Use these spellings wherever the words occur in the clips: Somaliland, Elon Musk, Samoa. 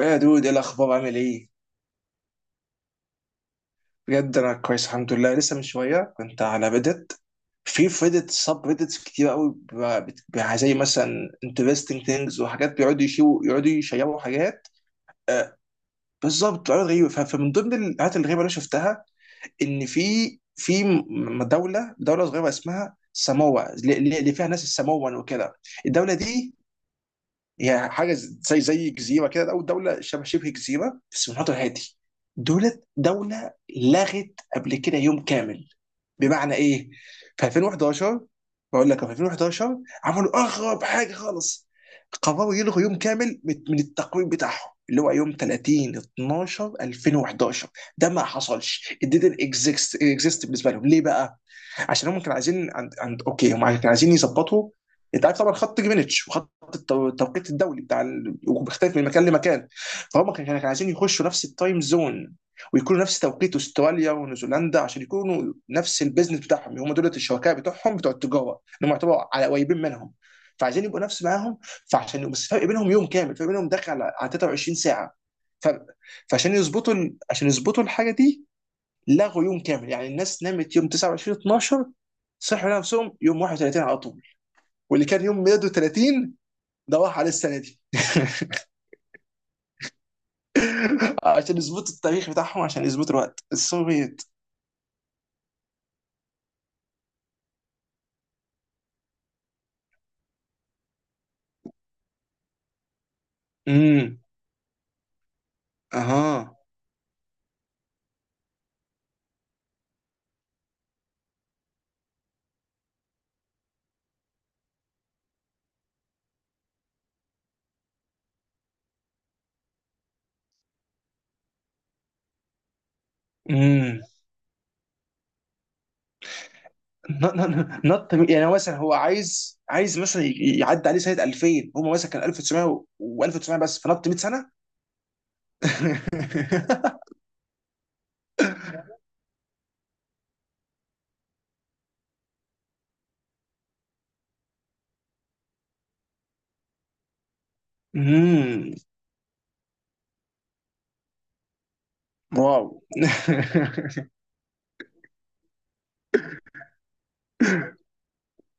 يا دود، ايه الاخبار؟ عامل ايه؟ بجد انا كويس الحمد لله، لسه من شويه كنت على ريدت. في ريدت سب ريدتس كتير قوي، زي مثلا interesting things وحاجات بيقعدوا يقعدوا يشيروا حاجات. آه، بالظبط حاجات غريبه. فمن ضمن الحاجات الغريبه اللي أنا شفتها ان في، دوله صغيره اسمها ساموا، اللي فيها ناس الساموان وكده. الدوله دي يعني حاجه زي جزيره كده، او دوله شبه جزيره بس في المحيط الهادي. دوله لغت قبل كده يوم كامل. بمعنى ايه؟ في 2011، بقول لك في 2011 عملوا اغرب حاجه خالص. قرروا يلغوا يوم كامل من التقويم بتاعهم، اللي هو يوم 30 12 2011. ده ما حصلش، it didn't exist بالنسبه لهم. ليه بقى؟ عشان هم كانوا عايزين عند, عند اوكي هم كانوا عايزين يظبطوا. انت عارف طبعا خط جرينتش، وخط التوقيت الدولي بتاع ال... وبيختلف من مكان لمكان. فهم كانوا عايزين يخشوا نفس التايم زون، ويكونوا نفس توقيت استراليا ونيوزيلندا، عشان يكونوا نفس البيزنس بتاعهم، هم دول الشركاء بتوعهم بتوع التجاره، انهم يعتبروا على قريبين منهم. فعايزين يبقوا نفس معاهم. فعشان بس فرق بينهم يوم كامل، فرق بينهم داخل على 23 ساعه. ف... فعشان يظبطوا ال... عشان يظبطوا الحاجه دي، لغوا يوم كامل. يعني الناس نامت يوم 29 12، صحوا نفسهم يوم 31 على طول. واللي كان يوم ميلاده 30، ده راح عليه السنه دي عشان يظبطوا التاريخ بتاعهم، عشان يظبطوا الوقت السوفيت. امم. اها. امم. نط نط- يعني هو مثلا، هو عايز عايز مثلا يعدي عليه سنه 2000، هم مثلا كان 1900 و1900 بس، فنط 100 سنه. امم. واو.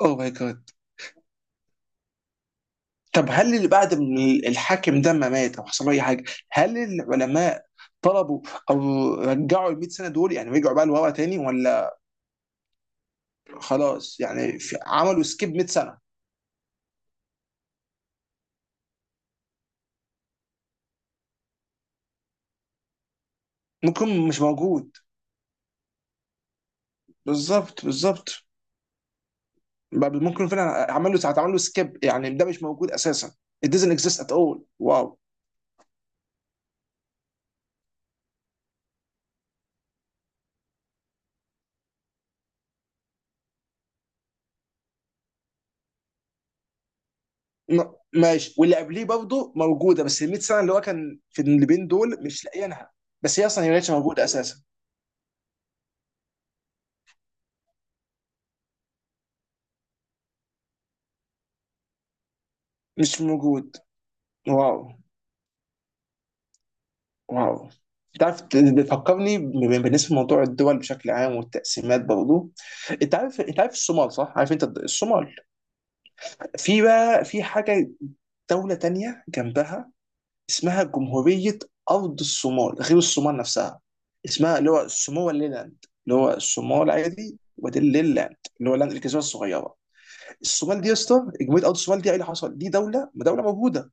اوه ماي جاد. طب هل اللي بعد من الحاكم ده ما مات او حصل له اي حاجه؟ هل العلماء طلبوا او رجعوا ال 100 سنه دول، يعني رجعوا بقى لورا تاني ولا؟ خلاص، يعني عملوا سكيب 100 سنه. ممكن مش موجود. بالظبط، بالظبط. بل ممكن فعلا عمل له سكيب، يعني ده مش موجود اساسا. It doesn't exist at all. واو. ماشي. واللي قبليه برضه موجوده، بس ال 100 سنه اللي هو كان في، اللي بين دول مش لاقيينها. بس هي اصلا، هي ما كانتش موجوده اساسا. مش موجود. واو، واو. انت عارف بتفكرني، بالنسبه لموضوع الدول بشكل عام والتقسيمات برضه. انت عارف الصومال صح؟ عارف انت الصومال؟ في بقى، في حاجه، دوله تانيه جنبها اسمها جمهورية أرض الصومال، غير الصومال نفسها. اسمها اللي هو سوماليلاند، اللي هو الصومال عادي، ودي الليلاند اللي هو لاند الجزيرة الصغيرة. الصومال دي يا اسطى، جمهورية أرض الصومال دي، ايه اللي حصل؟ دي دولة موجودة،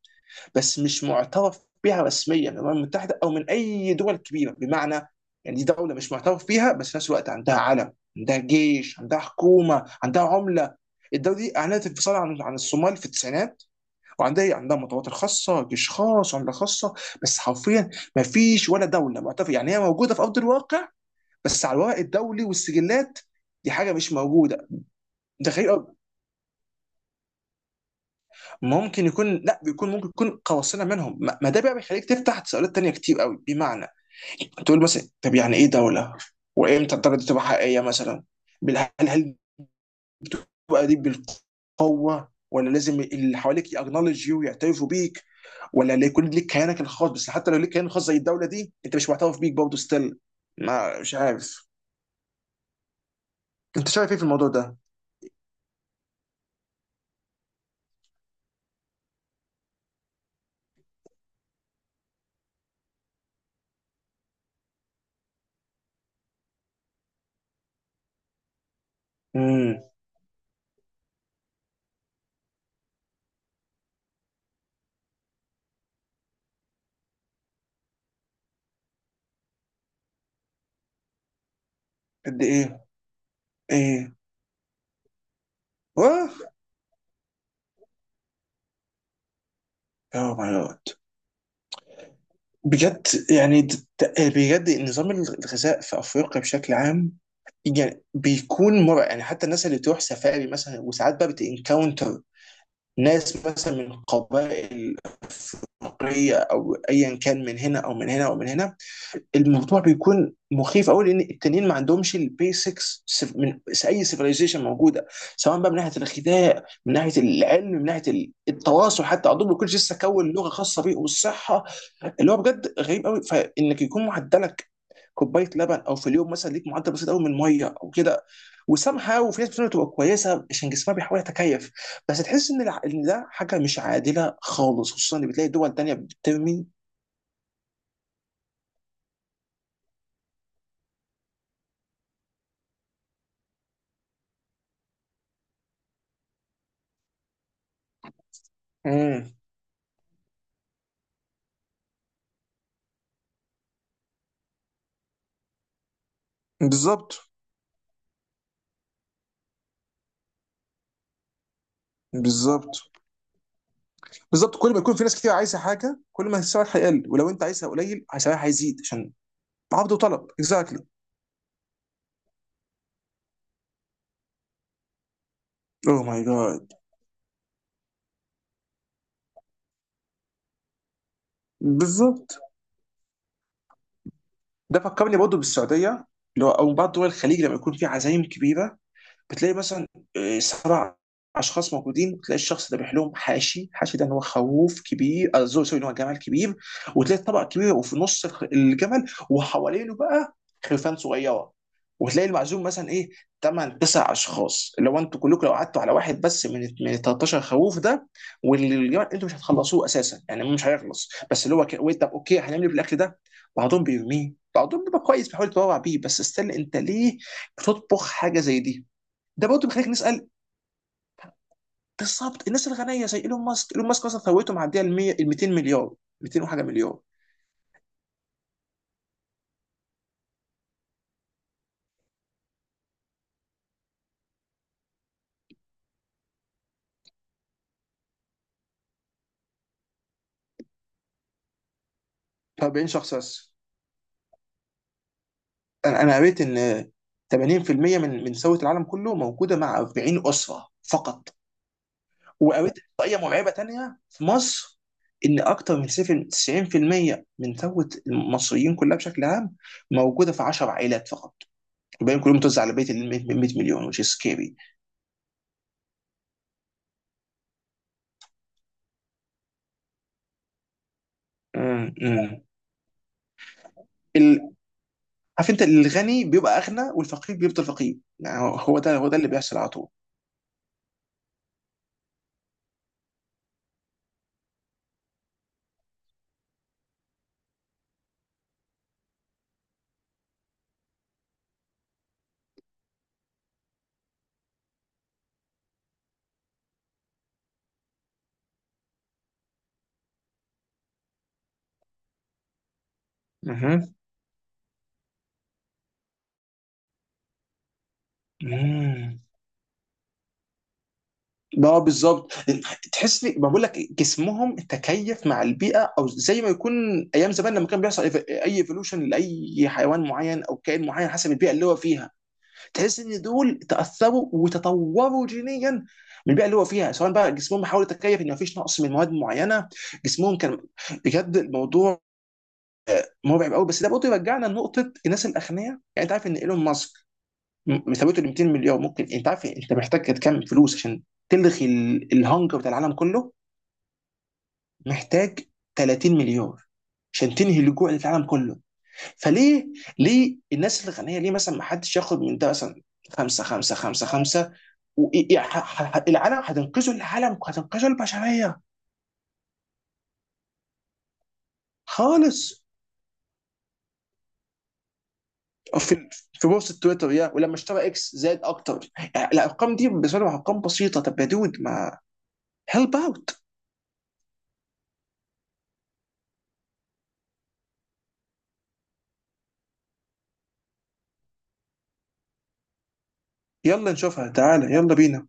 بس مش معترف بها رسميا من الأمم المتحدة أو من أي دول كبيرة. بمعنى، يعني دي دولة مش معترف بيها، بس في نفس الوقت عندها علم، عندها جيش، عندها حكومة، عندها عملة. الدولة دي أعلنت انفصالها عن الصومال في التسعينات. وعندها ايه؟ عندها مطارات خاصه، جيش خاص، عمله خاصه. بس حرفيا ما فيش ولا دوله معترف، يعني هي موجوده في ارض الواقع، بس على الورق الدولي والسجلات دي حاجه مش موجوده. ده غير ممكن يكون، لا بيكون ممكن يكون قواصنا منهم. ما ما ده بقى بيخليك تفتح تساؤلات تانية كتير قوي. بمعنى تقول مثلا، طب يعني ايه دوله؟ وامتى الدوله دي تبقى حقيقيه مثلا؟ هل بقى دي بالقوه، ولا لازم اللي حواليك يأكنولج يو، يعترفوا بيك؟ ولا اللي يكون ليك كيانك الخاص؟ بس حتى لو ليك كيان خاص زي الدوله دي، انت مش معترف بيك برضه، ستيل. ما مش عارف. انت شايف ايه في الموضوع ده؟ امم. قد ايه؟ ايه؟ واه. يا ماي جاد. بجد يعني د- د- إيه، بجد نظام الغذاء في افريقيا بشكل عام يعني بيكون مرعب. يعني حتى الناس اللي تروح سفاري مثلا، وساعات بقى بتنكاونتر ناس مثلا من قبائل أفريقية، أو أيا كان، من هنا أو من هنا أو من هنا. الموضوع بيكون مخيف قوي، لان التانيين ما عندهمش البيسكس من اي سيفيلايزيشن موجوده. سواء بقى من ناحيه الغذاء، من ناحيه العلم، من ناحيه التواصل، حتى عندهم كل شيء لسه كون لغه خاصه بيه، والصحه. اللي هو بجد غريب قوي، فانك يكون معدلك كوبايه لبن او في اليوم مثلا، ليك معدل بسيط قوي من ميه او كده وسامحه. وفي ناس بتقول تبقى كويسه عشان جسمها بيحاول يتكيف، بس تحس ان ان ده حاجه مش عادله خالص، خصوصا ان بتلاقي دول تانيه بترمي. امم. بالظبط، بالظبط. بالظبط، كل ما يكون في ناس كتير عايزه حاجه كل ما السعر هيقل، ولو انت عايزها قليل سعرها هيزيد، عشان عرض وطلب، اكزاكتلي. اوه ماي جاد. بالظبط، ده فكرني برضه بالسعوديه، اللي هو او بعض دول الخليج، لما يكون في عزايم كبيره، بتلاقي مثلا 7 اشخاص موجودين، وتلاقي الشخص ده بيحلهم حاشي. حاشي ده ان هو خروف كبير، سوري سوري، ان هو جمل كبير. وتلاقي الطبق كبير، وفي نص الجمل، وحوالينه بقى خرفان صغيره. وتلاقي المعزوم مثلا ايه، 8 9 اشخاص. لو انتوا كلكم، لو قعدتوا على واحد بس من ال 13 خروف ده والجمل، انتوا مش هتخلصوه اساسا. يعني مش هيخلص. بس اللي هو طب اوكي هنعمل ايه بالاكل ده؟ بعضهم بيرميه، بعضهم بيبقى كويس بيحاول يتبرع بيه. بس استنى، انت ليه بتطبخ حاجه زي دي؟ ده برضه بيخليك نسال. بالظبط. الناس الغنيه زي ايلون ماسك، مثلا ثروته معديه ال 100، ال 200 مليار، 200 وحاجه مليار. 40 شخص بس. أنا قريت ان 80% من ثروه العالم كله موجوده مع 40 اسره فقط. وقريت احصائيه مرعبه تانيه في مصر، ان اكتر من 7 90% من ثروه المصريين كلها بشكل عام موجوده في 10 عائلات فقط. الباقيين كلهم متوزع على بيت ال 100 مليون. Which is scary. عارف انت، الغني بيبقى اغنى والفقير بيفضل فقير، يعني هو ده اللي بيحصل على طول. مهم. مم. بقى بالظبط. تحس لي ما بقول لك جسمهم تكيف مع البيئه، او زي ما يكون ايام زمان لما كان بيحصل اي ايفولوشن لاي حيوان معين او كائن معين حسب البيئه اللي هو فيها. تحس ان دول تاثروا وتطوروا جينيا من البيئه اللي هو فيها، سواء بقى جسمهم حاول يتكيف ان مفيش نقص من مواد معينه، جسمهم كان... بجد الموضوع مرعب قوي. بس ده برضه يرجعنا لنقطه الناس الاغنياء. يعني انت عارف ان ايلون ماسك، ثروته ل 200 مليار، ممكن انت عارف إيه؟ انت محتاج كام فلوس عشان تلغي الهنجر بتاع العالم كله؟ محتاج 30 مليار عشان تنهي الجوع اللي في العالم كله. فليه، ليه الناس الغنيه، ليه مثلا ما حدش ياخد من ده مثلا خمسة خمسة خمسة خمسة، والعالم هتنقذوا، العالم هتنقذوا البشرية. خالص. في بوست تويتر، يا ولما اشترى اكس، زاد اكتر. يعني الارقام دي بالنسبه لهم ارقام بسيطه. طب يا دود، ما هيلب اوت. يلا نشوفها، تعالى يلا بينا.